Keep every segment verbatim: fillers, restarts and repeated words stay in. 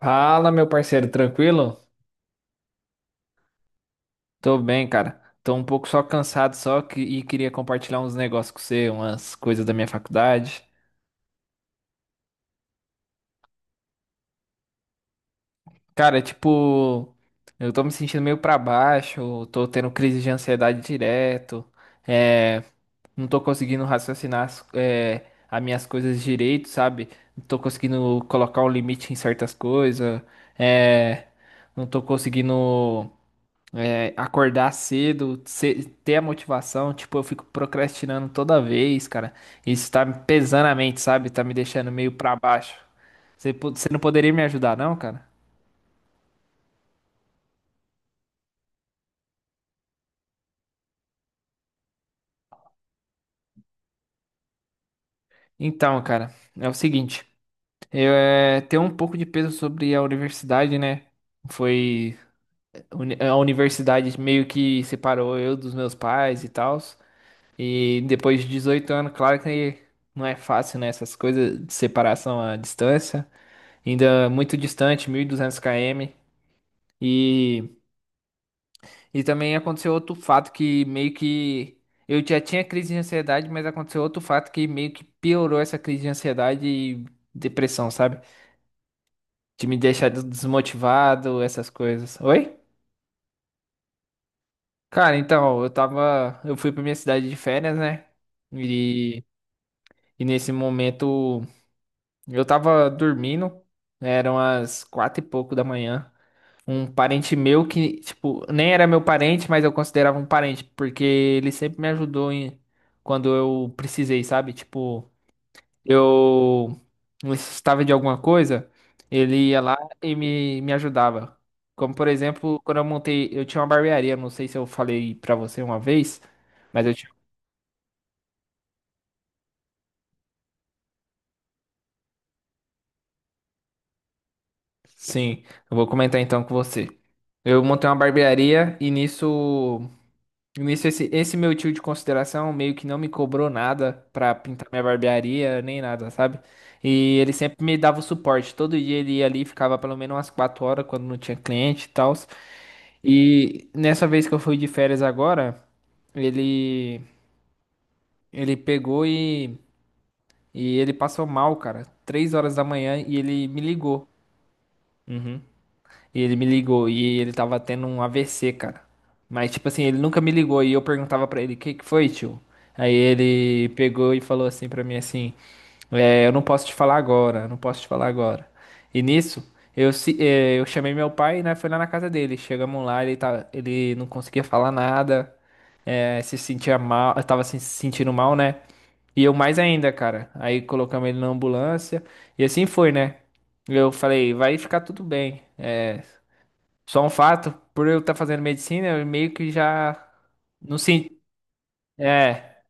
Fala, meu parceiro, tranquilo? Tô bem, cara. Tô um pouco só cansado só que, e queria compartilhar uns negócios com você, umas coisas da minha faculdade. Cara, tipo, eu tô me sentindo meio pra baixo, tô tendo crise de ansiedade direto, é, não tô conseguindo raciocinar as, é, as minhas coisas direito, sabe? Não tô conseguindo colocar um limite em certas coisas, é, não tô conseguindo. É, acordar cedo, ce- ter a motivação, tipo, eu fico procrastinando toda vez, cara. Isso tá me pesando a mente, sabe? Tá me deixando meio pra baixo. Você, po- você não poderia me ajudar, não, cara? Então, cara, é o seguinte, eu é, tenho um pouco de peso sobre a universidade, né? Foi uni- a universidade meio que separou eu dos meus pais e tal. E depois de dezoito anos, claro que não é fácil, né? Essas coisas de separação à distância. Ainda muito distante, mil e duzentos quilômetros km. E, e também aconteceu outro fato que meio que. Eu já tinha crise de ansiedade, mas aconteceu outro fato que meio que piorou essa crise de ansiedade e depressão, sabe? De me deixar des- desmotivado, essas coisas. Oi? Cara, então, eu tava. Eu fui pra minha cidade de férias, né? E, e nesse momento eu tava dormindo, eram as quatro e pouco da manhã. Um parente meu que, tipo, nem era meu parente, mas eu considerava um parente, porque ele sempre me ajudou em, quando eu precisei, sabe? Tipo, eu necessitava de alguma coisa, ele ia lá e me, me ajudava. Como, por exemplo, quando eu montei, eu tinha uma barbearia, não sei se eu falei pra você uma vez, mas eu tinha. Sim, eu vou comentar então com você. Eu montei uma barbearia e nisso. Nisso, esse, esse meu tio de consideração meio que não me cobrou nada pra pintar minha barbearia, nem nada, sabe? E ele sempre me dava o suporte. Todo dia ele ia ali, ficava pelo menos umas quatro horas quando não tinha cliente e tal. E nessa vez que eu fui de férias agora, ele, ele pegou e, e ele passou mal, cara. Três horas da manhã e ele me ligou. E ele me ligou e ele tava tendo um A V C, cara. Mas, tipo assim, ele nunca me ligou e eu perguntava pra ele, o que que foi, tio? Aí ele pegou e falou assim pra mim, assim, é, eu não posso te falar agora, eu não posso te falar agora. E nisso, eu, se- é, eu chamei meu pai, né, foi lá na casa dele. Chegamos lá, ele, tá, ele não conseguia falar nada, é, se sentia mal, tava se sentindo mal, né? E eu mais ainda, cara. Aí colocamos ele na ambulância e assim foi, né? Eu falei, vai ficar tudo bem. É, só um fato, por eu estar fazendo medicina, eu meio que já não sei. É,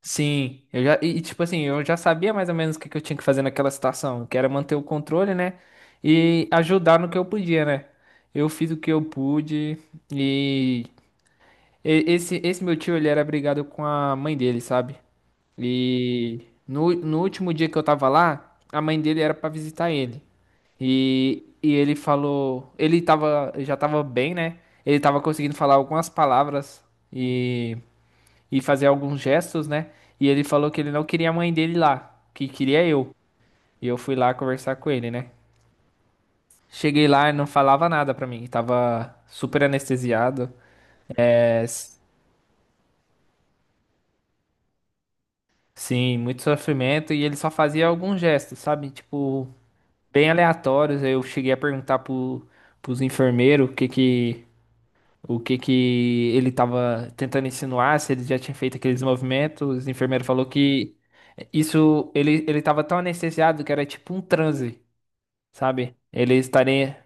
sim. Eu já e e, tipo assim, eu já sabia mais ou menos o que que eu tinha que fazer naquela situação, que era manter o controle, né? E ajudar no que eu podia, né? Eu fiz o que eu pude e E- Esse, esse meu tio, ele era brigado com a mãe dele, sabe? E no, no último dia que eu tava lá, a mãe dele era pra visitar ele. E, e ele falou, ele tava, já tava bem, né? Ele tava conseguindo falar algumas palavras e, e fazer alguns gestos, né? E ele falou que ele não queria a mãe dele lá, que queria eu. E eu fui lá conversar com ele, né? Cheguei lá e não falava nada pra mim, tava super anestesiado. É, Sim, muito sofrimento e ele só fazia alguns gestos, sabe? Tipo, bem aleatórios. Eu cheguei a perguntar pro, pros enfermeiros o que que, o que que ele tava tentando insinuar, se ele já tinha feito aqueles movimentos. Os enfermeiros falou que isso, ele, ele tava tão anestesiado que era tipo um transe, sabe? Ele estaria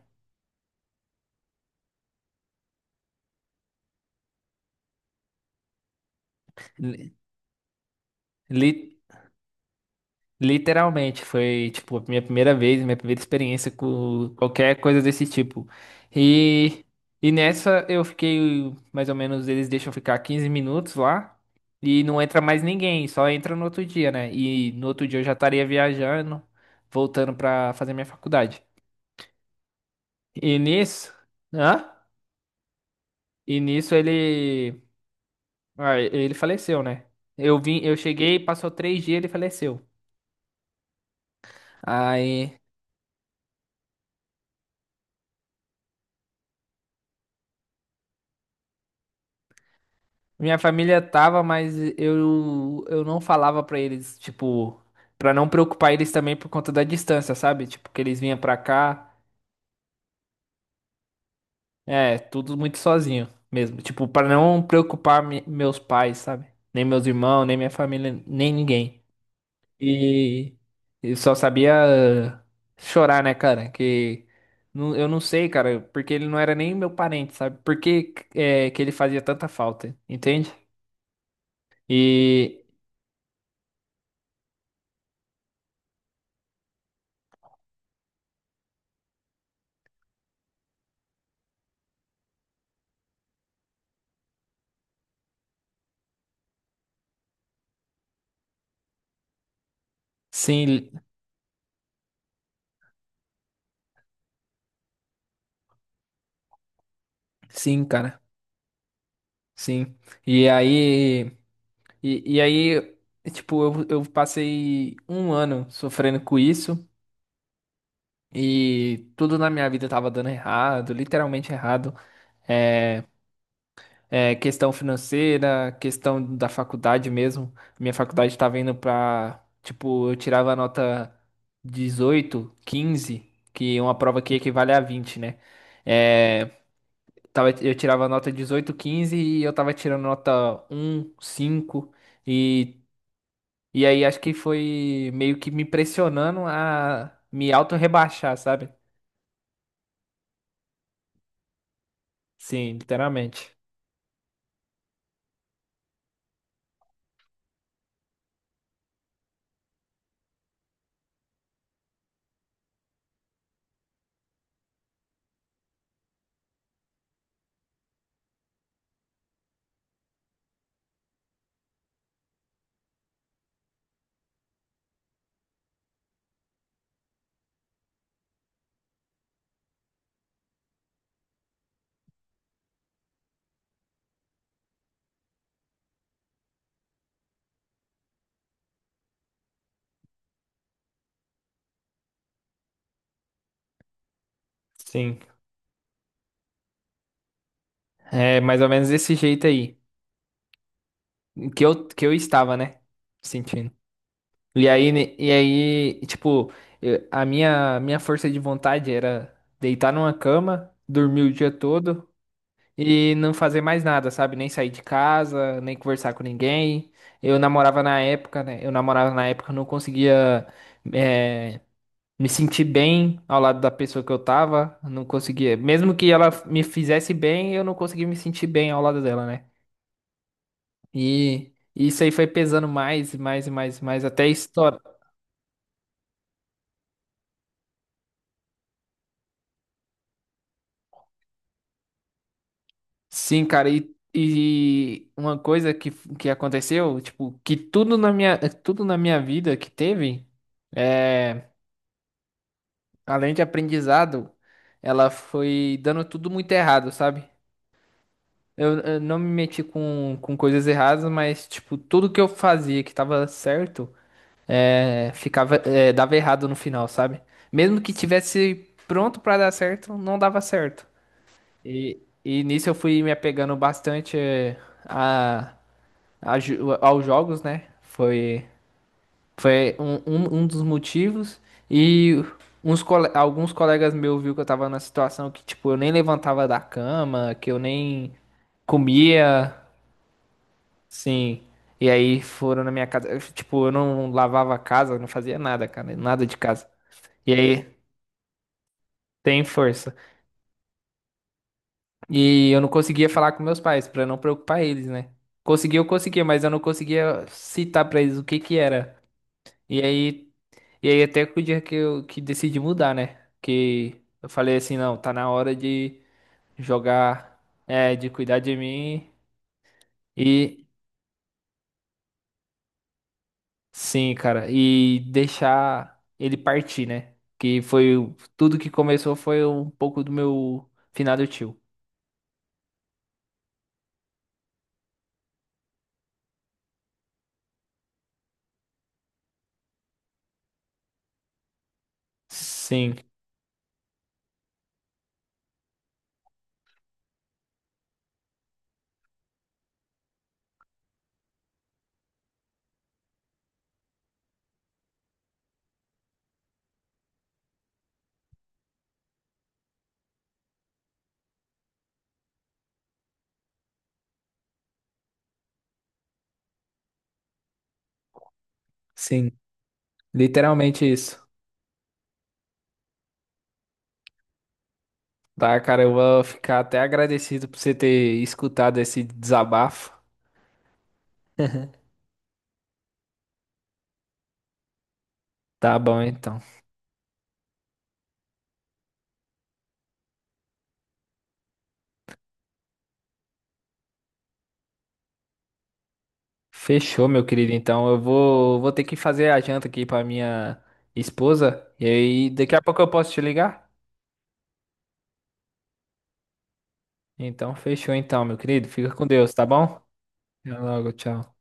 li, literalmente, foi tipo a minha primeira vez, minha primeira experiência com qualquer coisa desse tipo. E, e nessa eu fiquei mais ou menos, eles deixam ficar quinze minutos lá e não entra mais ninguém, só entra no outro dia, né? E no outro dia eu já estaria viajando, voltando pra fazer minha faculdade. E nisso, hã? E nisso ele, ah, ele faleceu, né? Eu vim, eu cheguei, passou três dias, ele faleceu. Aí minha família tava, mas eu, eu não falava pra eles, tipo, pra não preocupar eles também por conta da distância, sabe? Tipo, que eles vinham pra cá, é, tudo muito sozinho mesmo. Tipo, pra não preocupar me- meus pais, sabe? Nem meus irmãos, nem minha família, nem ninguém. E eu só sabia chorar, né, cara? Que não- eu não sei, cara, porque ele não era nem meu parente, sabe? Por que, é, que ele fazia tanta falta, entende? E sim, sim, cara. Sim. E aí, e, e aí, tipo, eu, eu passei um ano sofrendo com isso e tudo na minha vida tava dando errado, literalmente errado. É, é, questão financeira, questão da faculdade mesmo. Minha faculdade tava indo pra, tipo, eu tirava a nota dezoito quinze que é uma prova que equivale a vinte, né? É, tava, eu tirava a nota dezoito quinze e eu tava tirando nota um cinco. E E aí acho que foi meio que me pressionando a me auto-rebaixar, sabe? Sim, literalmente. Sim. É mais ou menos desse jeito aí. Que eu, que eu estava, né? Sentindo. E aí, ne- e aí, tipo, eu- a minha, minha força de vontade era deitar numa cama, dormir o dia todo e não fazer mais nada, sabe? Nem sair de casa, nem conversar com ninguém. Eu namorava na época, né? Eu namorava na época, eu não conseguia. eh, me senti bem ao lado da pessoa que eu tava, não conseguia. Mesmo que ela me fizesse bem, eu não conseguia me sentir bem ao lado dela, né? E isso aí foi pesando mais, e mais, e mais, e mais, até história. Sim, cara, e, e uma coisa que, que aconteceu, tipo, que tudo na minha, tudo na minha vida que teve, é, além de aprendizado, ela foi dando tudo muito errado, sabe? Eu, eu não me meti com, com coisas erradas, mas, tipo, tudo que eu fazia que tava certo, é, ficava, é, dava errado no final, sabe? Mesmo que tivesse pronto pra dar certo, não dava certo. E, e nisso eu fui me apegando bastante é, a, a ju- aos jogos, né? Foi, foi um, um, um dos motivos. E uns, cole- alguns colegas meus viu que eu tava na situação que, tipo, eu nem levantava da cama, que eu nem comia. Sim. E aí foram na minha casa. Eu, tipo, eu não lavava a casa, eu não fazia nada, cara. Nada de casa. E aí, tem força. E eu não conseguia falar com meus pais, pra não preocupar eles, né? Conseguia, eu conseguia, mas eu não conseguia citar pra eles o que que era. E aí, e aí até que o dia que eu que decidi mudar, né? Que eu falei assim, não, tá na hora de jogar, é, de cuidar de mim. E, Sim, cara, e deixar ele partir, né? Que foi o- tudo que começou foi um pouco do meu finado tio. Sim, sim, literalmente isso. Tá, cara, eu vou ficar até agradecido por você ter escutado esse desabafo. Tá bom, então. Fechou, meu querido. Então, eu vou, vou ter que fazer a janta aqui pra minha esposa. E aí, daqui a pouco eu posso te ligar? Então, fechou, então, meu querido. Fica com Deus, tá bom? Até logo, tchau.